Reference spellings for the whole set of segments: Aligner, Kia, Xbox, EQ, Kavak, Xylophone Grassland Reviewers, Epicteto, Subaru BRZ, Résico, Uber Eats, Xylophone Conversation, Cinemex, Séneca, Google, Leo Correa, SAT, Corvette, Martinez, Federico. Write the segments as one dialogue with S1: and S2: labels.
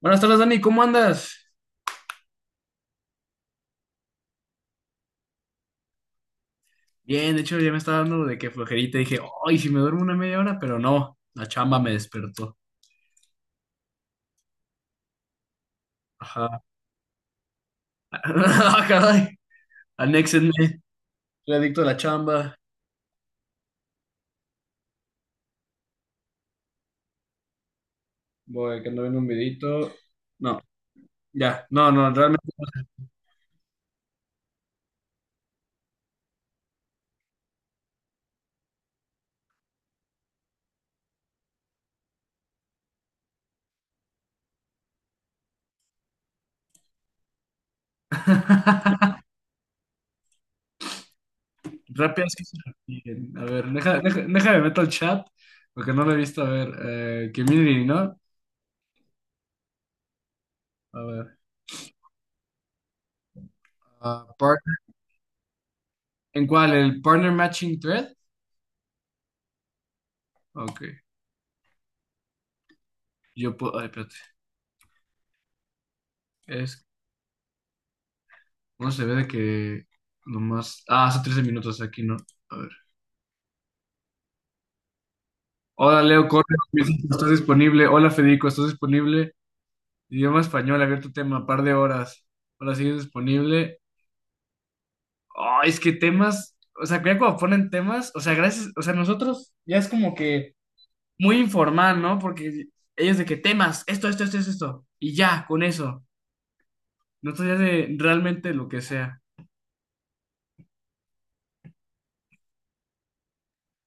S1: Buenas tardes, Dani, ¿cómo andas? Bien, de hecho ya me estaba dando de que flojerita. Dije, ay, si me duermo una media hora, pero no, la chamba me despertó. Ajá. Ah, caray, anéxenme. Soy adicto a la chamba. Voy, que ando viendo un videito. No, ya, no, no, realmente. Rápidas que se repiten. A ver, deja, deja, déjame meto al chat, porque no lo he visto. A ver, community, ¿no? A ver. ah, partner- ¿En cuál? ¿El partner matching thread? Ok. Yo puedo. Ay, espérate. No se ve de que nomás. Ah, hace 13 minutos aquí, ¿no? A ver. Hola, Leo Correa, ¿estás disponible? Hola, Federico, ¿estás disponible? Idioma español, abierto tema, par de horas. Hola, ¿sigues disponible? Ah, es que temas. O sea, que ya cuando ponen temas, o sea, gracias. O sea, nosotros ya es como que muy informal, ¿no? Porque ellos de que temas, esto, esto, esto, esto, esto. Y ya, con eso. Nosotros ya de realmente lo que sea.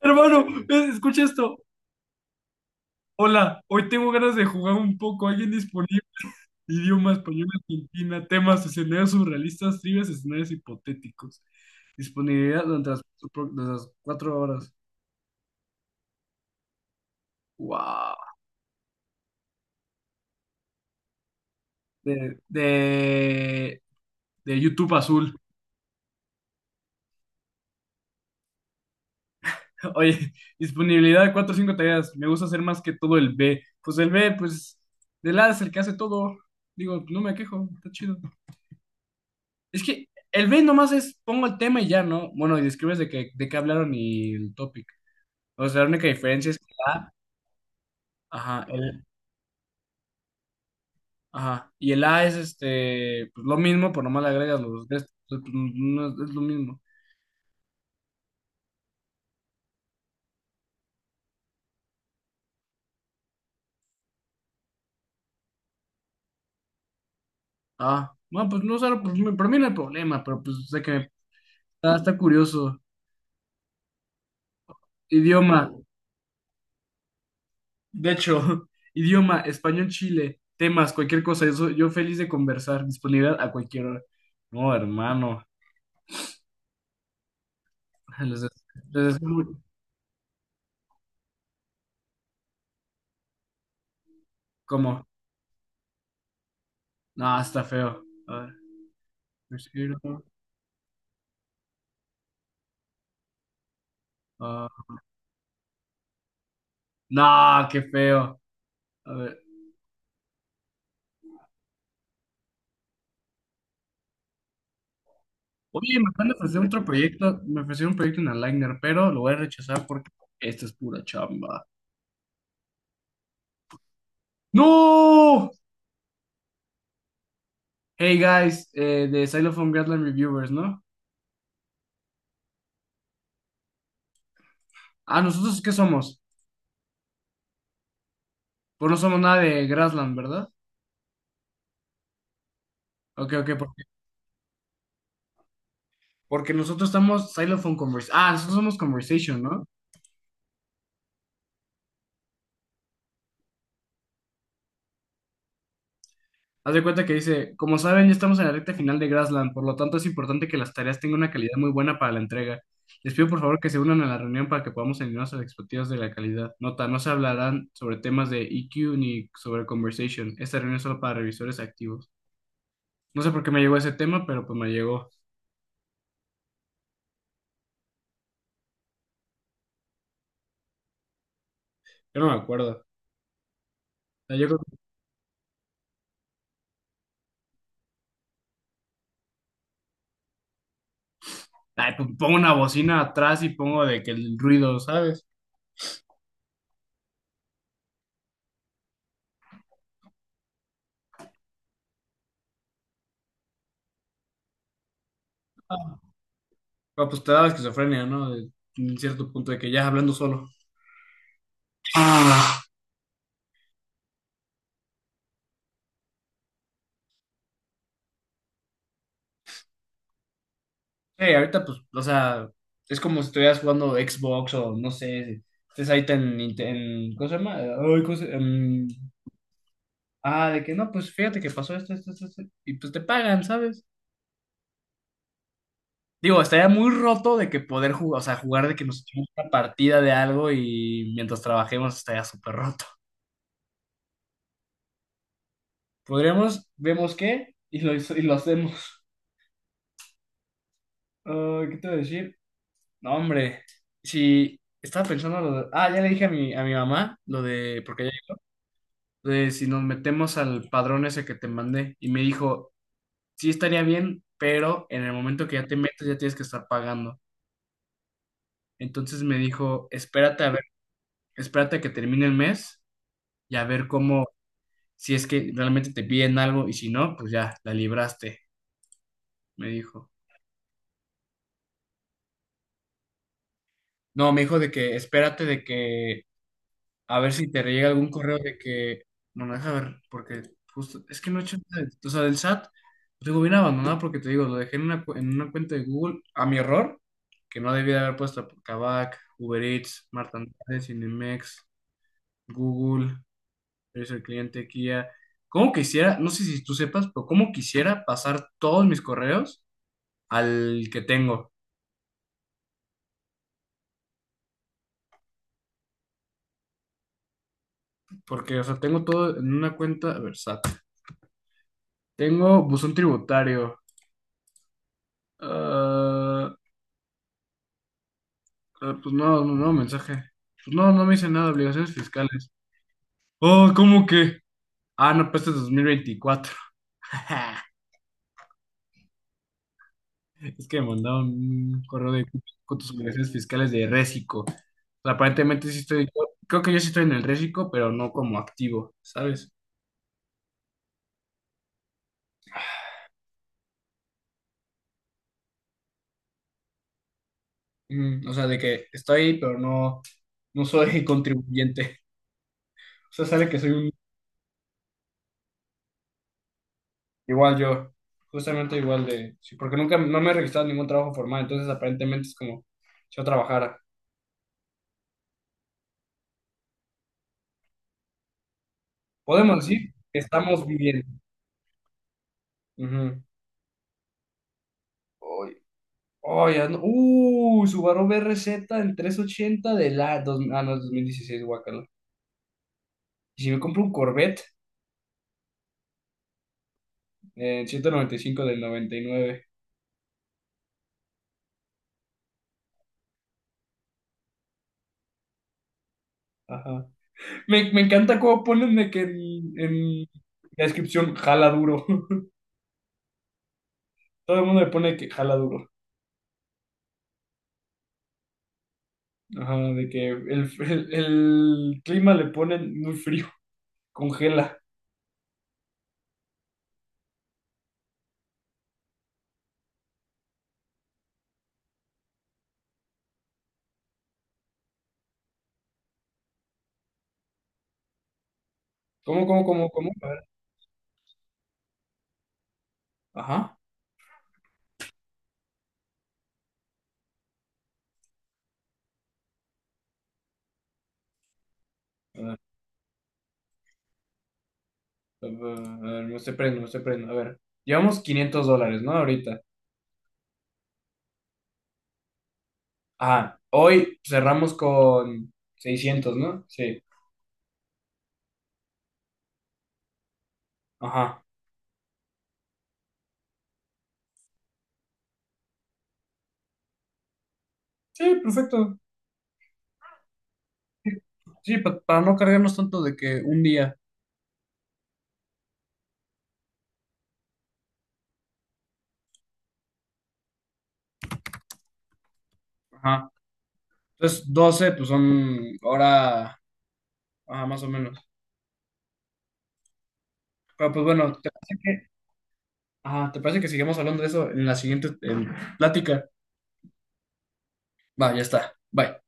S1: Hermano, escucha esto. Hola, hoy tengo ganas de jugar un poco. ¿Alguien disponible? Idioma español Argentina, temas, escenarios surrealistas, trivias, escenarios hipotéticos. Disponibilidad durante de las 4 horas. Wow. De, de, de YouTube Azul. Oye, disponibilidad de cuatro o cinco tareas. Me gusta hacer más que todo el B. Pues el B, pues, del A es el que hace todo. Digo, no me quejo, está chido. Es que el B nomás es pongo el tema y ya, ¿no? Bueno, y describes de qué hablaron y el topic. O sea, la única diferencia es que la, ajá, el. Ajá. Y el A es este, pues lo mismo, por nomás le agregas los de estos, pues, no es, es lo mismo. Ah, bueno, pues no sé, pues, para mí no hay problema, pero pues sé que está curioso. Idioma, de hecho, idioma, español, Chile, temas, cualquier cosa, yo feliz de conversar, disponibilidad a cualquier hora. No, hermano, les, des- les deseo ¿cómo? No, está feo. A ver, respiro, ah, no, qué feo. A ver. Oye, me acaban de ofrecer otro proyecto, me ofrecieron un proyecto en Aligner, pero lo voy a rechazar porque esto es pura chamba. ¡No! Hey guys, de Xylophone Grassland Reviewers, ¿no? Ah, ¿nosotros qué somos? Pues no somos nada de Grassland, ¿verdad? Ok, ok, porque nosotros estamos Xylophone Conversation. Ah, nosotros somos Conversation, ¿no? Haz de cuenta que dice, como saben, ya estamos en la recta final de Grassland, por lo tanto es importante que las tareas tengan una calidad muy buena para la entrega. Les pido por favor que se unan a la reunión para que podamos alinearnos a las expectativas de la calidad. Nota, no se hablarán sobre temas de EQ ni sobre conversation. Esta reunión es solo para revisores activos. No sé por qué me llegó ese tema, pero pues me llegó. Yo no me acuerdo. O sea, yo creo ay, pues, pongo una bocina atrás y pongo de que el ruido, ¿sabes? Pero, pues te da la esquizofrenia, ¿no? En cierto punto de que ya hablando solo. Sí, ahorita pues, o sea, es como si estuvieras jugando Xbox o no sé, estés ahí en, en, ¿cómo se llama? Ay, ¿cómo se- em, ah, de que no, pues fíjate que pasó esto, esto, esto, esto, y pues te pagan, ¿sabes? Digo, estaría muy roto de que poder jugar, o sea, jugar de que nos echemos una partida de algo y mientras trabajemos estaría súper roto. Podríamos, vemos qué, y lo hacemos. Ah, ¿qué te voy a decir? No, hombre, si estaba pensando lo de, ya le dije a mi mamá lo de, porque si nos metemos al padrón ese que te mandé y me dijo, sí estaría bien, pero en el momento que ya te metes ya tienes que estar pagando. Entonces me dijo, espérate a ver, espérate a que termine el mes y a ver cómo, si es que realmente te piden algo y si no, pues ya, la libraste, me dijo. No, me dijo de que espérate de que a ver si te llega algún correo de que, no, no, deja ver, porque justo, es que no he hecho nada, o sea, del SAT, lo tengo bien abandonado porque te digo, lo dejé en en una cuenta de Google a mi error, que no debía de haber puesto Kavak, Uber Eats, Martinez, Cinemex, Google, Servicio al Cliente, Kia. ¿Cómo quisiera, no sé si tú sepas, pero cómo quisiera pasar todos mis correos al que tengo? Porque, o sea, tengo todo en una cuenta, a ver, SAT. Tengo buzón tributario. ah, Ah, pues no, no, no, mensaje. Pues no, no me hice nada, obligaciones fiscales. Oh, ¿cómo que? Ah, no, pues este es 2024. Es que me mandaron un correo de con tus obligaciones fiscales de Résico. O sea, aparentemente sí estoy, creo que yo sí estoy en el Résico, pero no como activo, ¿sabes? Mm, o sea, de que estoy, pero no, no soy contribuyente. O sea, sale que soy un, igual yo, justamente igual de, sí, porque nunca, no me he registrado en ningún trabajo formal, entonces aparentemente es como si yo trabajara. Podemos decir que estamos viviendo. Ujú. Hoy, hoy Subaru BRZ en 380 de la dos, no, es 2016 guacala. Y si me compro un Corvette en 195 del 99. Ajá. Me encanta cómo ponen de que en la descripción jala duro. Todo el mundo le pone que jala duro. Ajá, de que el clima le ponen muy frío, congela. ¿Cómo, cómo, cómo, cómo? A ver. Ajá. A ver, me estoy prendo, me estoy prendo. A ver, llevamos $500, ¿no? Ahorita. Ajá, hoy cerramos con 600, ¿no? Sí. Ajá. Sí, perfecto. Sí, para no cargarnos tanto de que un día. Ajá. Entonces, 12 pues son hora, ajá, más o menos. Pero pues bueno, ¿te parece que, ajá, ¿te parece que sigamos hablando de eso en la siguiente plática? Va, ya está. Bye.